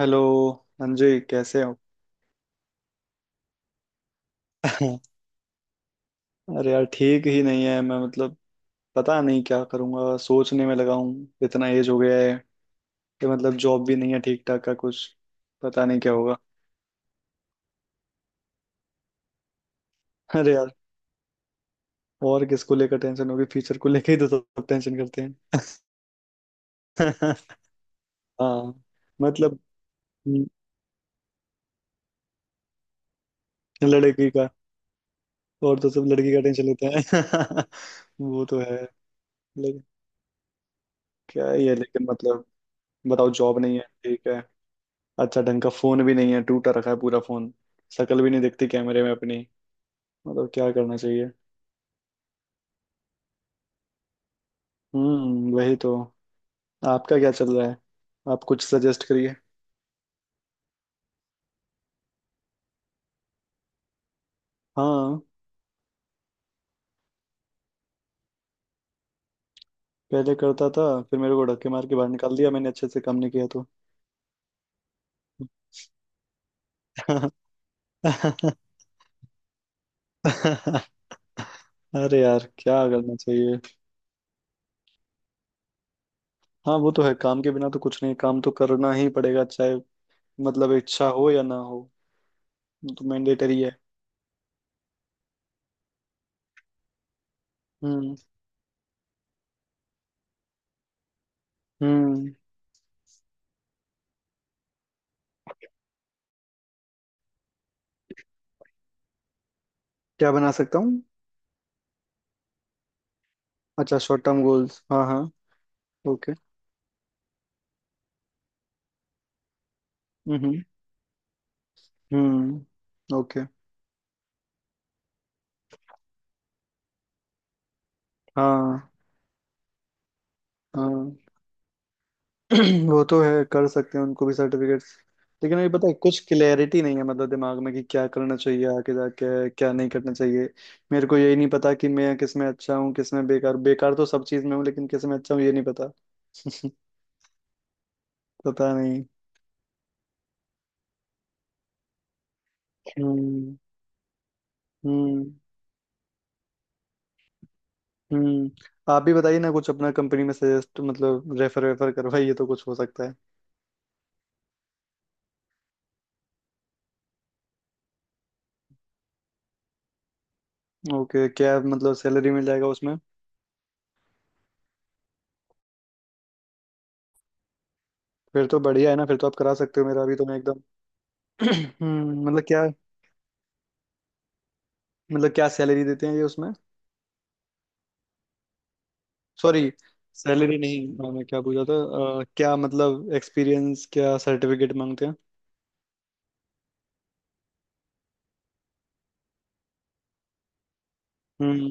Hello. Anjay कैसे हो? अरे यार, ठीक ही नहीं है। मैं, मतलब, पता नहीं क्या करूंगा। सोचने में लगा हूँ, इतना एज हो गया है कि मतलब जॉब भी नहीं है ठीक ठाक का कुछ। पता नहीं क्या होगा। अरे यार, और किसको लेकर टेंशन होगी? फ्यूचर को लेकर ही तो सब टेंशन करते हैं। हाँ, मतलब, हम्म, लड़की का। और तो सब लड़की का टेंशन लेते हैं। वो तो है। लेकिन क्या ही है, लेकिन मतलब बताओ, जॉब नहीं है, ठीक है। अच्छा ढंग का फोन भी नहीं है, टूटा रखा है पूरा फोन। शक्ल भी नहीं दिखती कैमरे में अपनी। मतलब क्या करना चाहिए? हम्म, वही तो। आपका क्या चल रहा है? आप कुछ सजेस्ट करिए। हाँ, पहले करता था। फिर मेरे को धक्के मार के बाहर निकाल दिया, मैंने अच्छे से काम नहीं किया तो। अरे यार, क्या करना चाहिए? हाँ, वो तो है, काम के बिना तो कुछ नहीं, काम तो करना ही पड़ेगा चाहे, मतलब, इच्छा हो या ना हो। वो तो मैंडेटरी है। हम्म हम्म। क्या बना सकता हूँ? अच्छा, शॉर्ट टर्म गोल्स, हाँ। हाँ। हम्म हम्म, ओके। हाँ हाँ। वो तो है, कर सकते हैं उनको भी सर्टिफिकेट्स। लेकिन अभी पता है, कुछ क्लैरिटी नहीं है मतलब दिमाग में कि क्या करना चाहिए आगे जाके, क्या नहीं करना चाहिए। मेरे को यही नहीं पता कि मैं किस में अच्छा हूँ, किस में बेकार। बेकार तो सब चीज में हूँ, लेकिन किस में अच्छा हूँ ये नहीं पता। पता नहीं। हम्म हम्म हम्म। आप भी बताइए ना कुछ अपना, कंपनी में सजेस्ट मतलब रेफर वेफर करवाइए तो कुछ हो सकता है। ओके, क्या मतलब सैलरी मिल जाएगा? फिर तो बढ़िया है ना, फिर तो आप करा सकते हो, मेरा अभी तो मैं एकदम। मतलब क्या, मतलब क्या सैलरी देते हैं ये उसमें? सॉरी, सैलरी नहीं। हाँ, मैं क्या पूछा था। क्या मतलब एक्सपीरियंस, क्या सर्टिफिकेट मांगते हैं? हम्म,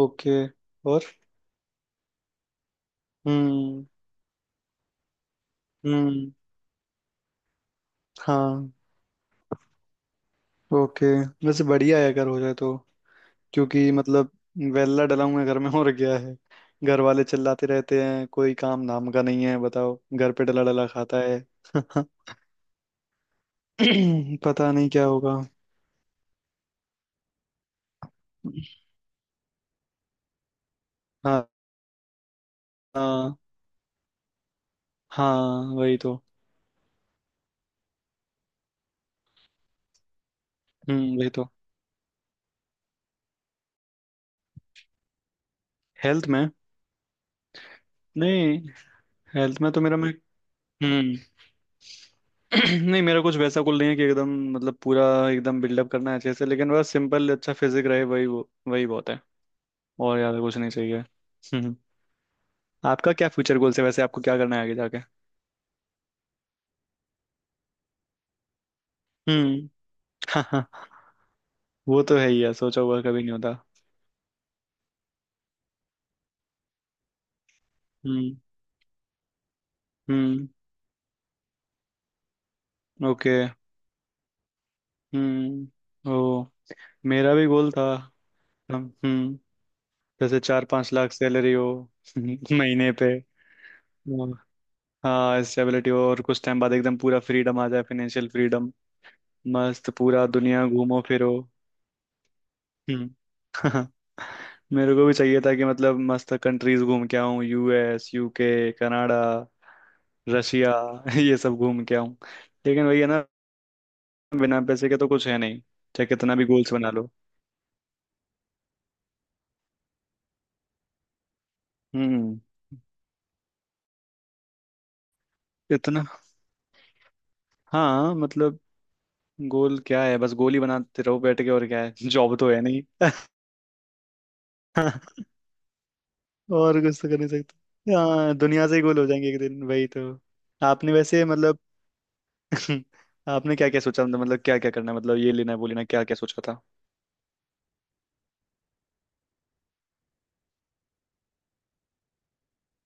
ओके। और, हम्म हम्म, हाँ, ओके। वैसे बढ़िया है अगर हो जाए तो। क्योंकि मतलब वेल्ला डला हुआ है घर में, और क्या है। घर वाले चिल्लाते रहते हैं, कोई काम नाम का नहीं है, बताओ घर पे डला डला खाता है। पता नहीं क्या होगा। हाँ हाँ। हाँ, वही तो। हम्म, वही तो। हेल्थ में? नहीं, हेल्थ में तो मेरा, मैं, हम्म, नहीं मेरा कुछ वैसा कुल नहीं है कि एकदम मतलब पूरा एकदम बिल्डअप करना है अच्छे से, लेकिन बस सिंपल अच्छा फिजिक रहे, वही वो, वही बहुत है। और ज्यादा कुछ नहीं चाहिए। हम्म। आपका क्या फ्यूचर गोल्स है वैसे? आपको क्या करना है आगे जाके? हम्म। हाँ हाँ, वो तो है ही है, सोचा हुआ कभी नहीं होता। हम्म हम्म, ओके। हम्म, ओ। मेरा भी गोल था। हम्म, जैसे 4-5 लाख सैलरी हो महीने पे। हाँ। हाँ, स्टेबिलिटी हो और कुछ टाइम बाद एकदम पूरा फ्रीडम आ जाए, फाइनेंशियल फ्रीडम। मस्त पूरा दुनिया घूमो फिरो। हम्म। मेरे को भी चाहिए था कि मतलब मस्त कंट्रीज घूम के आऊँ, यूएस यूके कनाडा रशिया। ये सब घूम के आऊँ। लेकिन वही है ना, बिना पैसे के तो कुछ है नहीं, चाहे कितना भी गोल्स बना लो। हम्म। इतना, हाँ, मतलब गोल क्या है, बस गोल ही बनाते रहो बैठ के, और क्या है। जॉब तो है नहीं। और कुछ तो कर नहीं सकते। हाँ, दुनिया से ही गोल हो जाएंगे एक दिन, वही तो। आपने वैसे मतलब आपने क्या क्या सोचा, मतलब क्या क्या करना है, मतलब ये लेना है वो लेना है, क्या क्या सोचा था?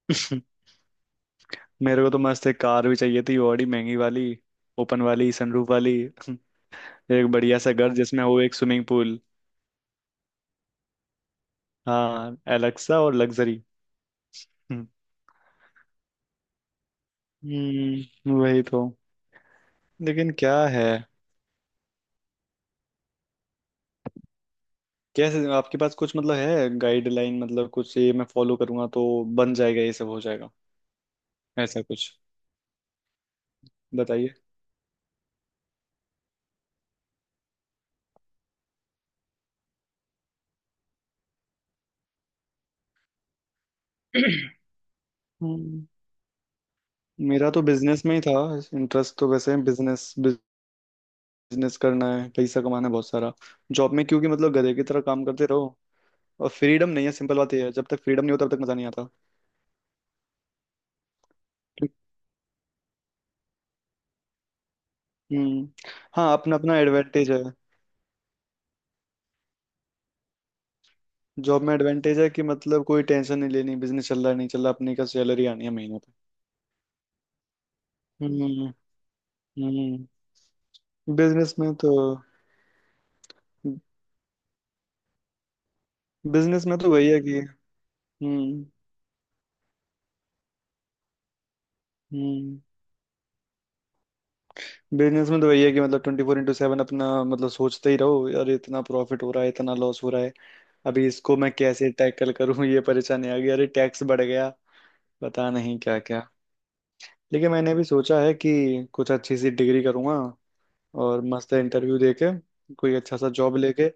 मेरे को तो मस्त एक कार भी चाहिए थी, बड़ी महंगी वाली, ओपन वाली, सनरूफ वाली। एक बढ़िया सा घर जिसमें हो एक स्विमिंग पूल। हाँ, एलेक्सा और लग्जरी। हम्म, वही तो। लेकिन क्या है, कैसे आपके पास कुछ मतलब है गाइडलाइन, मतलब कुछ ये मैं फॉलो करूंगा तो बन जाएगा, ये सब हो जाएगा, ऐसा कुछ बताइए। हम्म, मेरा तो बिजनेस में ही था, इंटरेस्ट तो वैसे, बिजनेस। बिजनेस करना है, पैसा कमाना है बहुत सारा। जॉब में क्योंकि मतलब गधे की तरह काम करते रहो, और फ्रीडम नहीं है। सिंपल बात यह है, जब तक फ्रीडम नहीं होता तब तक मजा नहीं आता। हम्म। हाँ, अपना अपना एडवांटेज है। जॉब में एडवांटेज है कि मतलब कोई टेंशन नहीं लेनी, बिजनेस चल रहा है नहीं चल रहा, अपने का सैलरी आनी है महीने पे। हम्म हम्म। बिजनेस में तो, बिजनेस में तो वही है कि, हम्म हम्म, बिजनेस में तो वही है कि मतलब 24/7 अपना मतलब सोचते ही रहो, यार इतना प्रॉफिट हो रहा है, इतना लॉस हो रहा है, अभी इसको मैं कैसे टैकल करूं। ये परेशानी आ गई, अरे टैक्स बढ़ गया, पता नहीं क्या क्या। लेकिन मैंने भी सोचा है कि कुछ अच्छी सी डिग्री करूंगा और मस्त इंटरव्यू देके कोई अच्छा सा जॉब लेके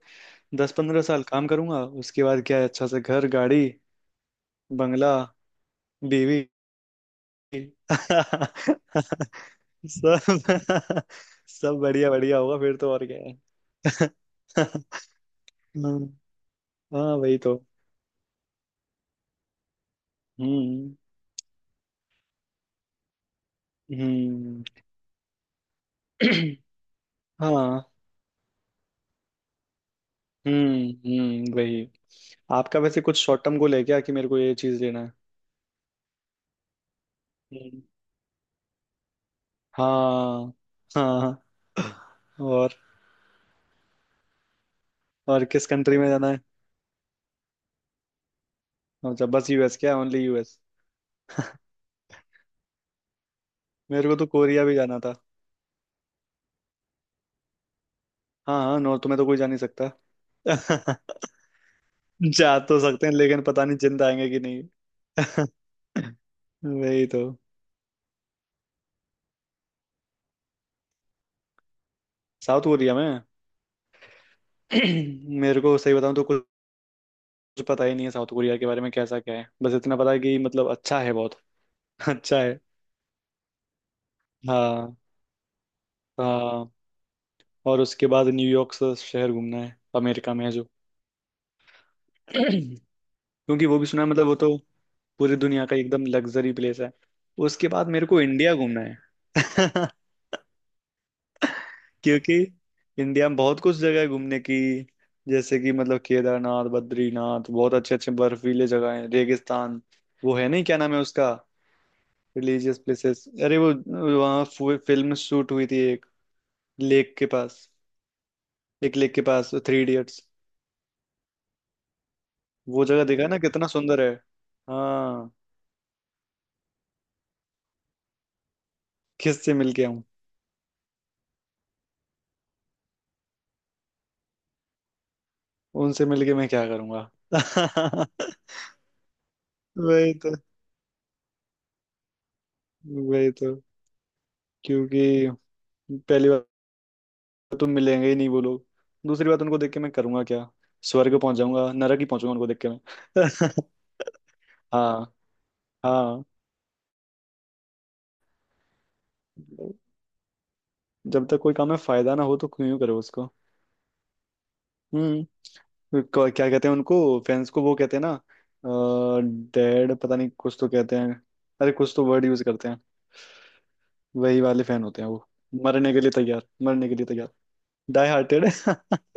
10-15 साल काम करूंगा, उसके बाद क्या है, अच्छा सा घर, गाड़ी, बंगला, बीवी। सब, सब बढ़िया बढ़िया होगा फिर तो, और क्या है। हाँ, हाँ, वही तो। हम्म हम्म। हाँ। हम्म, वही। आपका वैसे कुछ शॉर्ट टर्म गोल है क्या, कि मेरे को ये चीज लेना है? हम्म, हाँ हाँ। और और किस कंट्री में जाना है? अच्छा, बस यूएस क्या, ओनली यूएस? मेरे को तो कोरिया भी जाना था। हाँ हाँ, नॉर्थ में तो कोई जा नहीं सकता। जा तो सकते हैं लेकिन पता नहीं जिंदा आएंगे कि नहीं। वही तो। साउथ कोरिया में मेरे को सही बताऊं तो कुछ पता ही नहीं है साउथ कोरिया के बारे में, कैसा क्या है, बस इतना पता है कि मतलब अच्छा है बहुत। अच्छा है। हाँ हाँ। और उसके बाद न्यूयॉर्क से शहर घूमना है, अमेरिका में है जो। क्योंकि वो भी सुना है मतलब, वो तो पूरी दुनिया का एकदम लग्जरी प्लेस है। उसके बाद मेरे को इंडिया घूमना है। क्योंकि इंडिया में बहुत कुछ जगह है घूमने की, जैसे कि मतलब केदारनाथ बद्रीनाथ, बहुत अच्छे अच्छे बर्फीले जगह हैं, रेगिस्तान। वो है नहीं, क्या नाम है उसका, रिलीजियस प्लेसेस, अरे वो, वहाँ फिल्म शूट हुई थी एक, लेक के पास, एक लेक के पास, थ्री इडियट्स। वो जगह देखा ना कितना सुंदर है। हाँ, किससे मिल के आऊँ? उनसे मिल के मैं क्या करूँगा? वही तो, वही तो, क्योंकि पहली बार तो मिलेंगे ही नहीं वो लोग। दूसरी बात, उनको देख के मैं करूंगा क्या? स्वर्ग पहुंच जाऊंगा? नरक ही पहुंचूंगा उनको देख के मैं। हाँ हाँ। जब तक कोई काम में फायदा ना हो तो क्यों करो उसको। हम्म। क्या कहते हैं उनको, फैंस को वो कहते हैं ना, डेड, पता नहीं, कुछ तो कहते हैं, अरे कुछ तो वर्ड यूज करते हैं। वही वाले फैन होते हैं वो, मरने के लिए तैयार, मरने के लिए तैयार। Die hearted.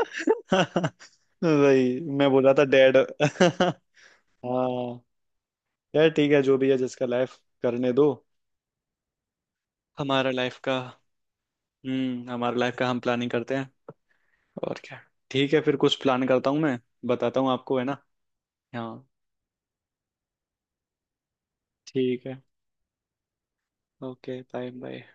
वही मैं बोल रहा था, डेड। हाँ, यार ठीक है, जो भी है जिसका लाइफ, करने दो। हमारा लाइफ का, हम्म, हमारा लाइफ का हम प्लानिंग करते हैं, और क्या। ठीक है, फिर कुछ प्लान करता हूँ मैं, बताता हूँ आपको, है ना। हाँ, ठीक है। Okay, bye bye.